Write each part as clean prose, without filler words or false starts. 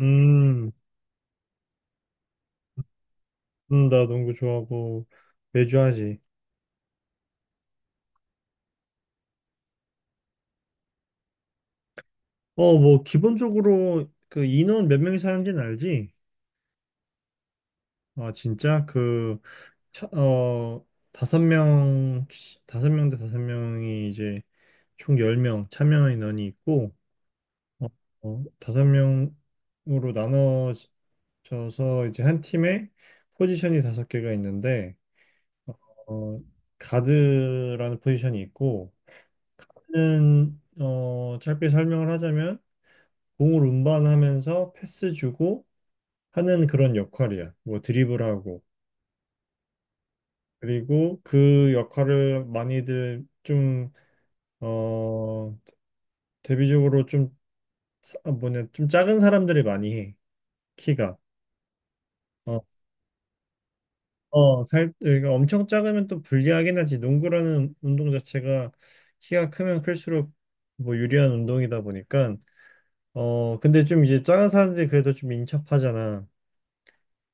음, 나 농구 좋아하고 매주 하지. 뭐 기본적으로 그 인원 몇 명이 사는지는 알지? 아, 진짜 그 차, 어, 다섯 명 다섯 명 대 다섯 명이 이제 총 10명 참여 인원이 있고 어, 다섯 명으로 나눠져서 이제 한 팀에 포지션이 다섯 개가 있는데 어, 가드라는 포지션이 있고 는 짧게 설명을 하자면 공을 운반하면서 패스 주고 하는 그런 역할이야. 뭐 드리블하고. 그리고 그 역할을 많이들 좀, 어, 대비적으로 좀, 아, 뭐냐, 좀 작은 사람들이 많이 해. 키가. 어, 그러니까 엄청 작으면 또 불리하긴 하지. 농구라는 운동 자체가 키가 크면 클수록 뭐 유리한 운동이다 보니까. 근데 좀 이제 작은 사람들이 그래도 좀 인첩하잖아.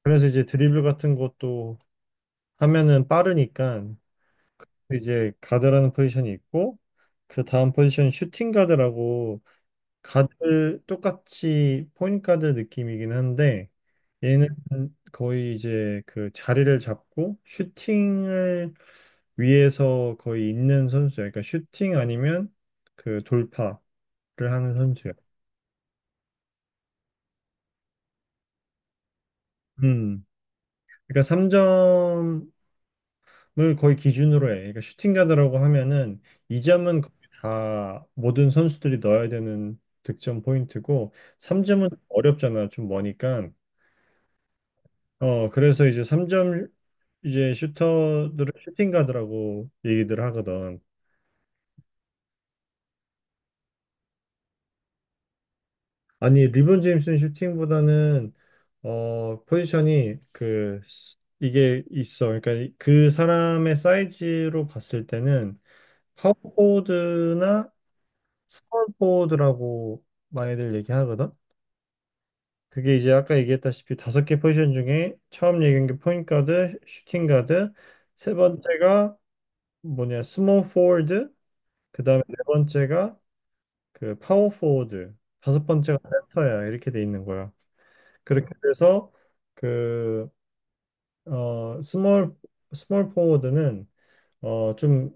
그래서 이제 드리블 같은 것도 하면은 빠르니까 이제 가드라는 포지션이 있고 그 다음 포지션 슈팅 가드라고 가드 똑같이 포인트 가드 느낌이긴 한데 얘는 거의 이제 그 자리를 잡고 슈팅을 위해서 거의 있는 선수야. 그러니까 슈팅 아니면 그 돌파를 하는 선수야. 음. 그러니까 삼점 을 거의 기준으로 해. 그러니까 슈팅 가드라고 하면은 이점은 거의 다 모든 선수들이 넣어야 되는 득점 포인트고 삼점은 어렵잖아. 좀 머니까. 그래서 이제 삼점 이제 슈터들을 슈팅 가드라고 얘기들 하거든. 아니, 리본 제임스는 슈팅보다는 포지션이 그 이게 있어. 그러니까 그 사람의 사이즈로 봤을 때는 파워포워드나 스몰포워드라고 많이들 얘기하거든. 그게 이제 아까 얘기했다시피 다섯 개 포지션 중에 처음 얘기한 게 포인트 가드, 슈팅 가드, 세 번째가 뭐냐 스몰 포워드, 그다음에 네 번째가 그 파워 포워드, 다섯 번째가 센터야 이렇게 돼 있는 거야. 그렇게 돼서 그 어 스몰 스몰 포워드는 좀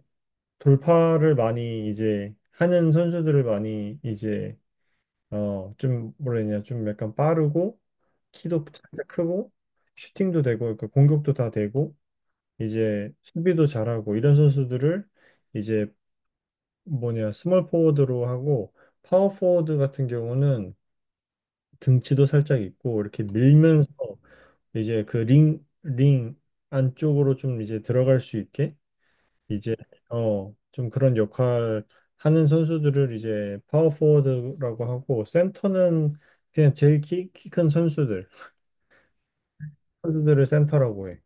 돌파를 많이 이제 하는 선수들을 많이 이제 좀 뭐라 해야 되냐 좀 약간 빠르고 키도 살짝 크고 슈팅도 되고 그러니까 공격도 다 되고 이제 수비도 잘하고 이런 선수들을 이제 뭐냐 스몰 포워드로 하고 파워 포워드 같은 경우는 등치도 살짝 있고 이렇게 밀면서 이제 그 링 안쪽으로 좀 이제 들어갈 수 있게 이제 좀 그런 역할 하는 선수들을 이제 파워포워드라고 하고 센터는 그냥 제일 키 큰 선수들을 센터라고 해.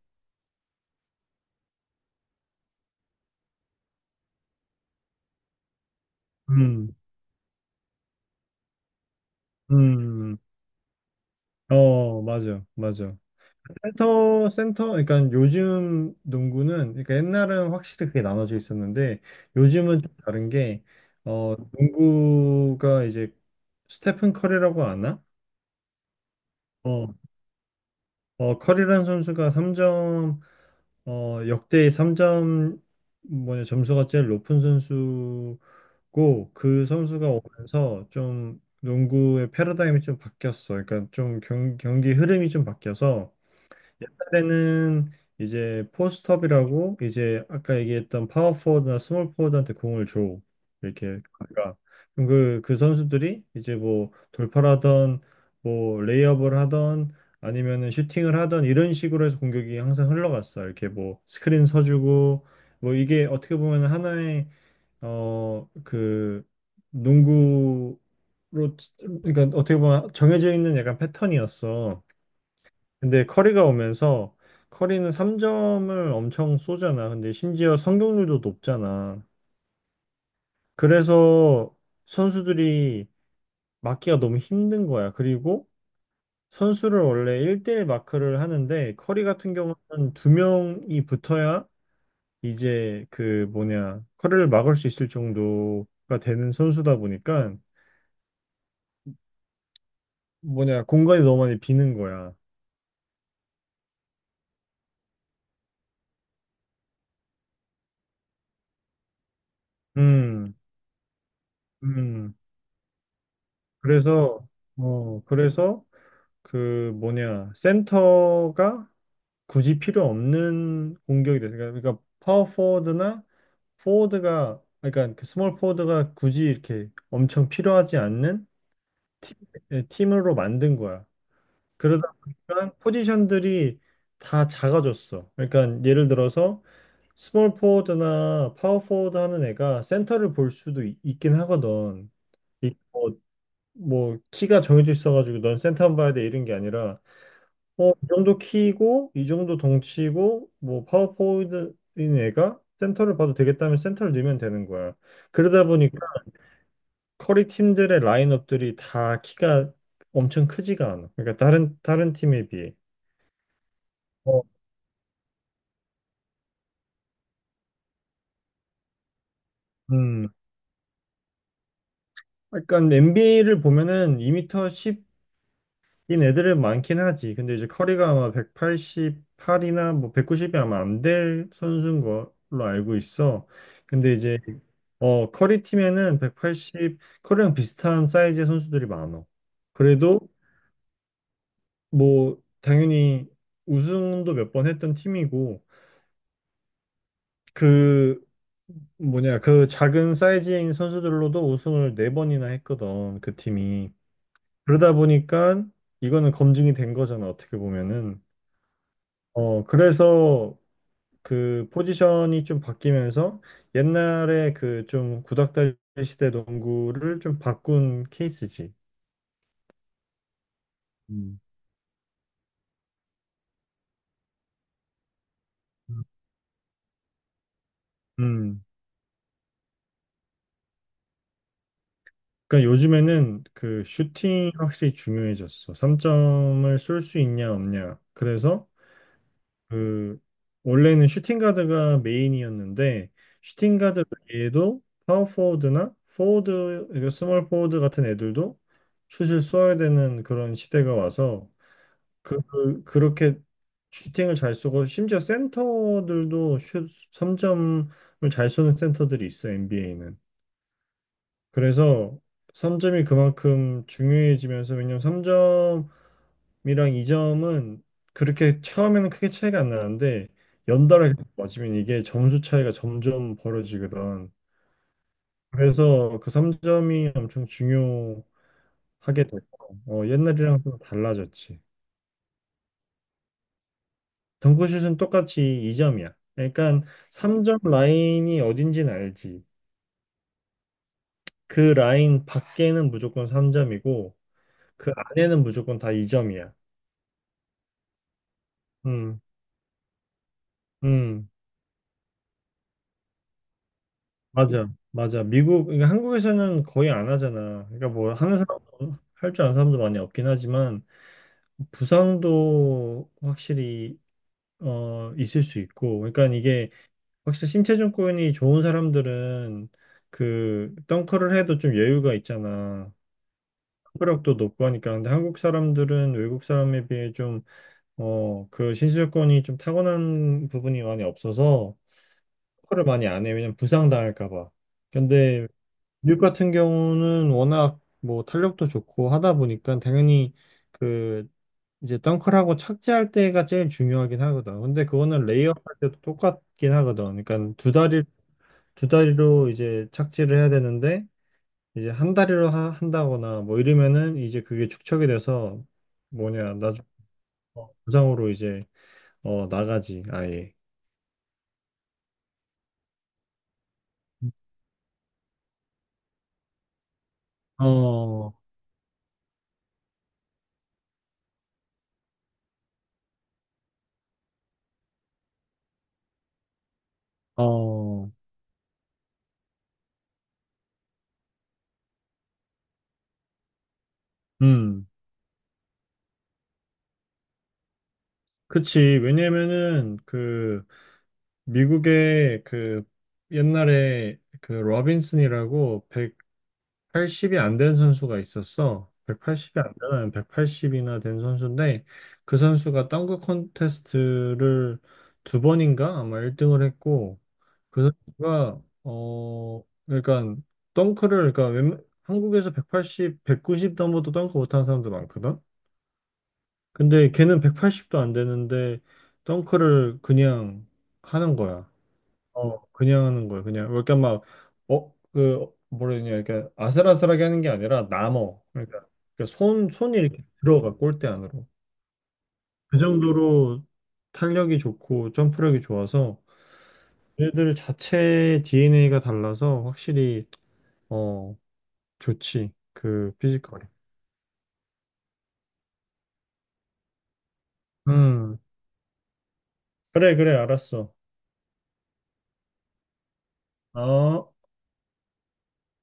음. 음. 어, 맞아, 맞아. 센터, 그러니까 요즘 농구는, 그러니까 옛날은 확실히 그게 나눠져 있었는데, 요즘은 좀 다른 게, 농구가 이제 스테픈 커리라고 아나? 어, 커리라는 선수가 3점 역대 3점 뭐냐 점수가 제일 높은 선수고 그 선수가 오면서 좀 농구의 패러다임이 좀 바뀌었어. 그러니까 좀 경기 흐름이 좀 바뀌어서 옛날에는 이제 포스트업이라고 이제 아까 얘기했던 파워포워드나 스몰포워드한테 공을 줘 이렇게 그러니까 그럼 그 선수들이 이제 뭐 돌파하던 뭐 레이업을 하던 아니면은 슈팅을 하던 이런 식으로 해서 공격이 항상 흘러갔어. 이렇게 뭐 스크린 서주고 뭐 이게 어떻게 보면 하나의 어 그 농구로 그러니까 어떻게 보면 정해져 있는 약간 패턴이었어. 근데 커리가 오면서 커리는 3점을 엄청 쏘잖아. 근데 심지어 성공률도 높잖아. 그래서 선수들이 막기가 너무 힘든 거야. 그리고 선수를 원래 1대1 마크를 하는데 커리 같은 경우는 두 명이 붙어야 이제 그 뭐냐 커리를 막을 수 있을 정도가 되는 선수다 보니까 뭐냐 공간이 너무 많이 비는 거야. 음. 음. 그래서 그래서 그 뭐냐 센터가 굳이 필요 없는 공격이 돼. 그러니까 파워 포워드나 포워드가 그러니까 그 스몰 포워드가 굳이 이렇게 엄청 필요하지 않는 팀, 예, 팀으로 만든 거야. 그러다 보니까 포지션들이 다 작아졌어. 그러니까 예를 들어서 스몰 포워드나 파워 포워드 하는 애가 센터를 볼 수도 있, 긴 하거든. 이- 뭐, 뭐 키가 정해져 있어가지고 넌 센터만 봐야 돼 이런 게 아니라 이 정도 키고, 이 정도 덩치고, 뭐, 파워포워드인 애가 센터를 봐도 되겠다면 센터를 넣으면 되는 거야. 그러다 보니까 커리 팀들의 라인업들이 다 키가 엄청 크지가 않아. 그러니까 다른 팀에 비해. 어, 음. 약간 NBA를 보면은 2m 10인 애들은 많긴 하지. 근데 이제 커리가 아마 188이나 뭐 190이 아마 안 될 선수인 걸로 알고 있어. 근데 이제 커리 팀에는 180, 커리랑 비슷한 사이즈의 선수들이 많아. 그래도 뭐 당연히 우승도 몇 번 했던 팀이고 그 뭐냐 그 작은 사이즈인 선수들로도 우승을 네 번이나 했거든 그 팀이. 그러다 보니까 이거는 검증이 된 거잖아 어떻게 보면은. 그래서 그 포지션이 좀 바뀌면서 옛날에 그 좀 구닥다리 시대 농구를 좀 바꾼 케이스지. 음. 음, 그러니까 요즘에는 그 슈팅 확실히 중요해졌어. 3점을 쏠 수 있냐 없냐. 그래서 그 원래는 슈팅 가드가 메인이었는데 슈팅 가드 외에도 파워 포워드나 포워드, 그러니까 스몰 포워드 같은 애들도 슛을 쏘아야 되는 그런 시대가 와서 그렇게 슈팅을 잘 쏘고 심지어 센터들도 슛 3점을 잘 쏘는 센터들이 있어 NBA는. 그래서 3점이 그만큼 중요해지면서 왜냐면 3점이랑 2점은 그렇게 처음에는 크게 차이가 안 나는데 연달아 계속 맞으면 이게 점수 차이가 점점 벌어지거든. 그래서 그 3점이 엄청 중요하게 됐고 옛날이랑 좀 달라졌지. 덩크슛은 똑같이 2점이야. 그러니까 3점 라인이 어딘지는 알지. 그 라인 밖에는 무조건 3점이고 그 안에는 무조건 다 2점이야. 음. 음. 맞아, 맞아. 미국, 그러니까 한국에서는 거의 안 하잖아. 그러니까 뭐 하는 사람, 도 할 줄 아는 사람도 많이 없긴 하지만 부상도 확실히 있을 수 있고, 그러니까 이게 확실히 신체 조건이 좋은 사람들은 그 덩크를 해도 좀 여유가 있잖아. 회복력도 높고 하니까. 근데 한국 사람들은 외국 사람에 비해 좀 그 신체 조건이 좀 타고난 부분이 많이 없어서 덩크를 많이 안 해. 왜냐면 부상 당할까 봐. 근데 뉴욕 같은 경우는 워낙 뭐 탄력도 좋고 하다 보니까 당연히 그 이제 덩크하고 착지할 때가 제일 중요하긴 하거든. 근데 그거는 레이업 할 때도 똑같긴 하거든. 그러니까 두 다리로 이제 착지를 해야 되는데 이제 한 다리로 한다거나 뭐 이러면은 이제 그게 축척이 돼서 뭐냐 나중에 뭐 부상으로 이제 나가지 아예. 어, 어, 음, 그치. 왜냐면은, 그, 미국에 그 옛날에 그 로빈슨이라고 180이 안된 선수가 있었어. 180이 안 되는 180이나 된 선수인데 그 선수가 덩크 콘테스트를 두 번인가 아마 1등을 했고 그 선수가 그러니까 덩크를 그러니까 한국에서 180, 190 넘어도 덩크 못하는 사람도 많거든. 근데 걔는 180도 안 되는데 덩크를 그냥 하는 거야. 그냥 하는 거예요. 그냥 그러니까 막 그 뭐라 냐 이렇게 아슬아슬하게 하는 게 아니라 남어. 그러니까 손 손이 이렇게 들어가 골대 안으로. 그 정도로 탄력이 좋고 점프력이 좋아서 얘들 자체 DNA가 달라서 확실히 어 좋지. 그 피지컬이. 음. 그래, 그래, 알았어. 어.